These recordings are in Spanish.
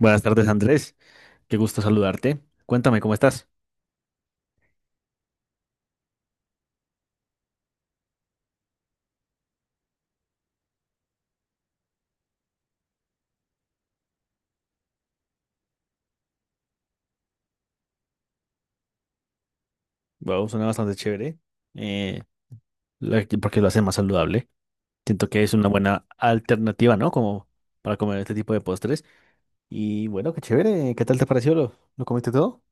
Buenas tardes, Andrés. Qué gusto saludarte. Cuéntame, ¿cómo estás? Wow, suena bastante chévere. Eh, Porque lo hace más saludable. Siento que es una buena alternativa, ¿no? Como para comer este tipo de postres. Y bueno, qué chévere. ¿Qué tal te pareció? ¿Lo comiste todo?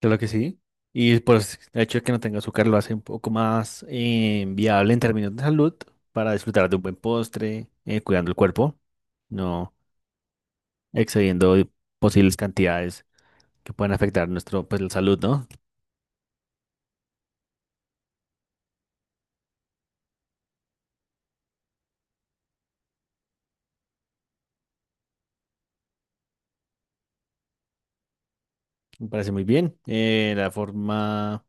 Claro que sí. Y pues el hecho de que no tenga azúcar lo hace un poco más viable en términos de salud para disfrutar de un buen postre, cuidando el cuerpo, no excediendo posibles cantidades que pueden afectar nuestro, pues, la salud, ¿no? Me parece muy bien.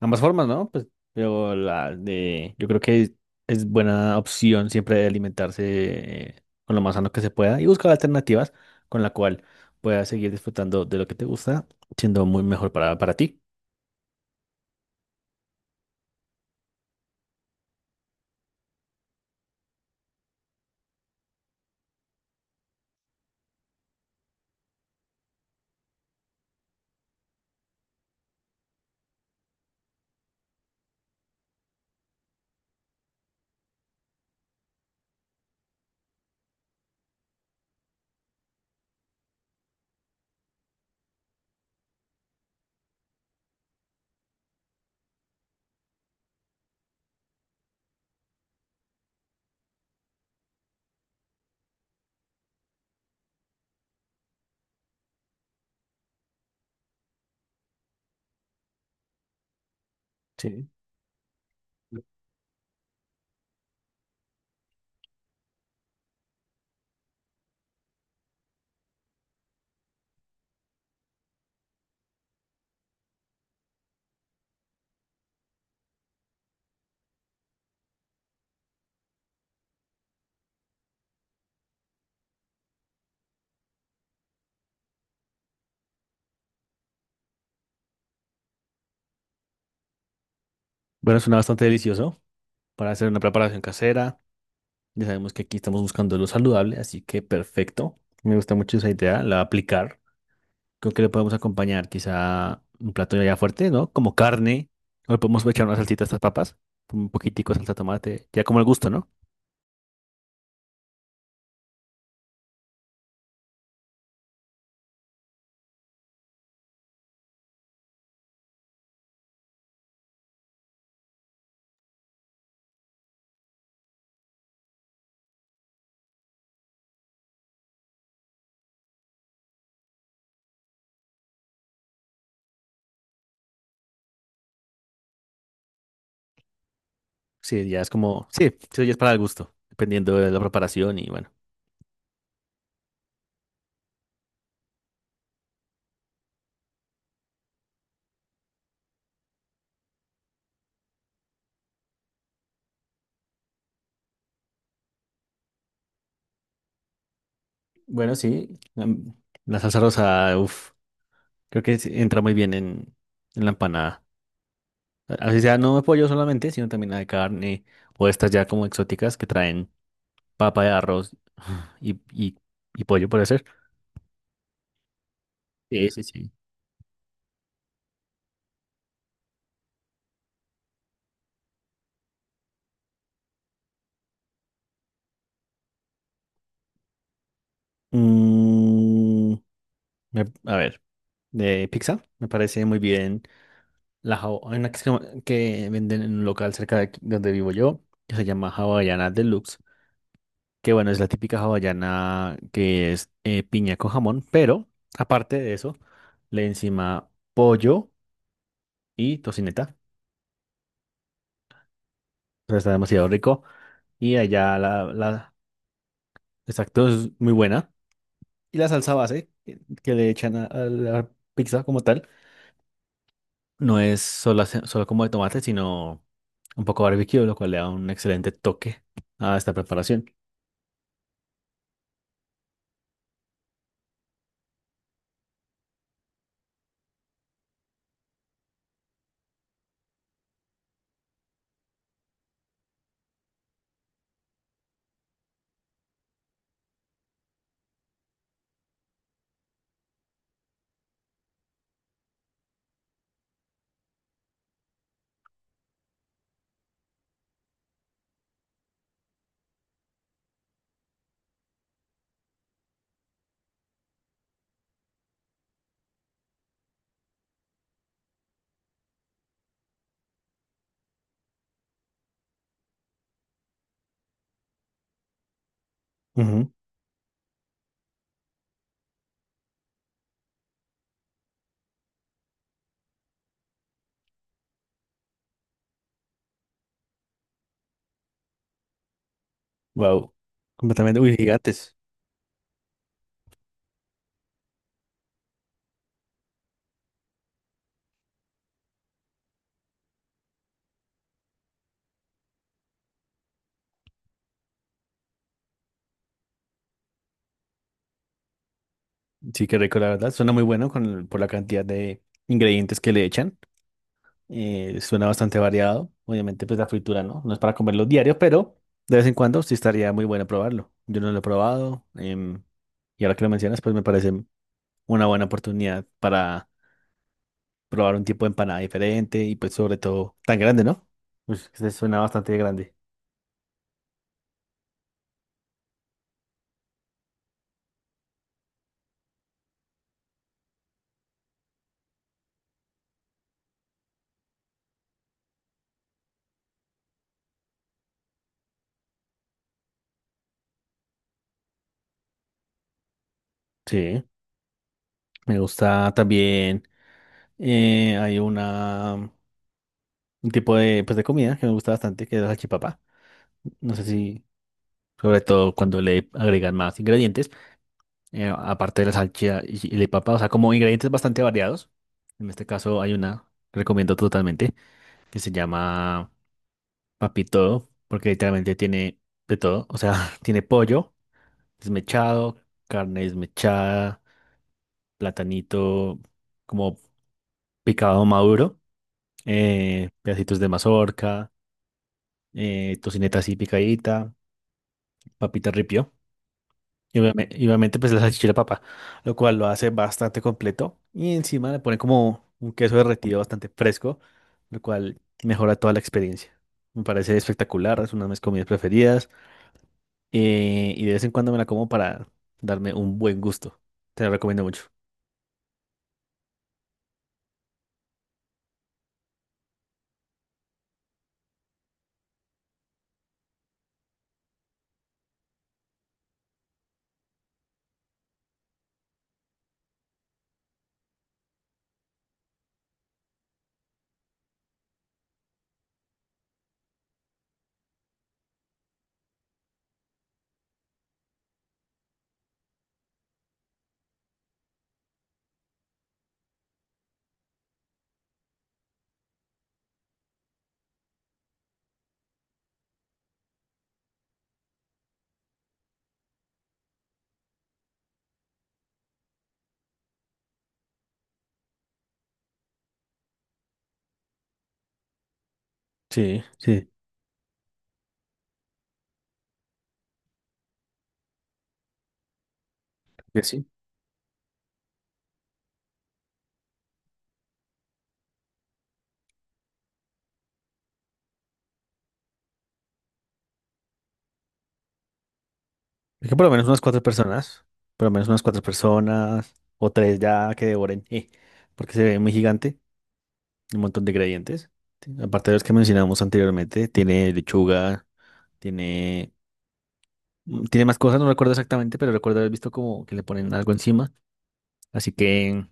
Ambas formas, ¿no? Pues, yo creo que es buena opción siempre alimentarse con lo más sano que se pueda y buscar alternativas con la cual puedas seguir disfrutando de lo que te gusta, siendo muy mejor para ti. Sí. Bueno, suena bastante delicioso para hacer una preparación casera. Ya sabemos que aquí estamos buscando lo saludable, así que perfecto. Me gusta mucho esa idea, la voy a aplicar. Creo que le podemos acompañar quizá un plato ya fuerte, ¿no? Como carne. O le podemos echar una salsita a estas papas. Un poquitico de salsa de tomate. Ya como el gusto, ¿no? Sí, ya es como... Sí, sí, ya es para el gusto. Dependiendo de la preparación y bueno. Bueno, sí. La salsa rosa, uff. Creo que sí entra muy bien en la empanada. Así sea, no de pollo solamente, sino también la de carne. O estas ya como exóticas que traen papa de arroz y, y, y pollo, puede ser. Sí, sí, sí. Mm, a ver, de pizza, me parece muy bien. Hay una que venden en un local cerca de aquí, donde vivo yo, que se llama Hawaiana Deluxe, que bueno, es la típica hawaiana que es piña con jamón, pero aparte de eso, le encima pollo y tocineta. O sea, está demasiado rico. Y allá la, la, exacto, es muy buena. Y la salsa base que le echan a la pizza como tal. No es solo, solo como de tomate, sino un poco barbecue, lo cual le da un excelente toque a esta preparación. Wow, completamente. Uy, gigantes. Sí, qué rico, la verdad. Suena muy bueno por la cantidad de ingredientes que le echan. Suena bastante variado. Obviamente, pues la fritura, ¿no? No es para comerlo diario, pero de vez en cuando sí estaría muy bueno probarlo. Yo no lo he probado. Y ahora que lo mencionas, pues me parece una buena oportunidad para probar un tipo de empanada diferente y pues sobre todo tan grande, ¿no? Pues que se suena bastante grande. Sí, me gusta también. eh, hay una um, un tipo de pues de comida que me gusta bastante, que es la salchipapa. No sé si, sobre todo cuando le agregan más ingredientes, aparte de la salchicha y la papa, o sea, como ingredientes bastante variados. En este caso hay una, que recomiendo totalmente, que se llama papito, porque literalmente tiene de todo. O sea, tiene pollo. Desmechado, carne desmechada, platanito como picado maduro, pedacitos de mazorca, tocineta así picadita, papita ripio. Y obviamente, pues la salchicha papa, lo cual lo hace bastante completo. Y encima le pone como un queso derretido bastante fresco, lo cual mejora toda la experiencia. Me parece espectacular, es una de mis comidas preferidas. Y de vez en cuando me la como para darme un buen gusto. Te la recomiendo mucho. Sí, sí. Que sí. Es que por lo menos unas 4 personas, por lo menos unas 4 personas, o tres ya que devoren, porque se ve muy gigante, un montón de ingredientes. Aparte de los que mencionamos anteriormente, tiene lechuga, tiene, mm, tiene más cosas, no recuerdo exactamente, pero recuerdo haber visto como que le ponen algo encima. Así que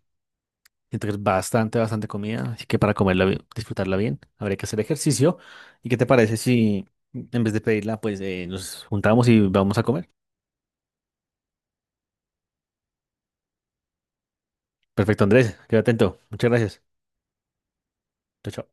siento que es bastante, bastante comida. Así que para comerla, disfrutarla bien, habría que hacer ejercicio. ¿Y qué te parece si en vez de pedirla, pues nos juntamos y vamos a comer? Perfecto, Andrés, quédate atento. Muchas gracias. Chao, chao.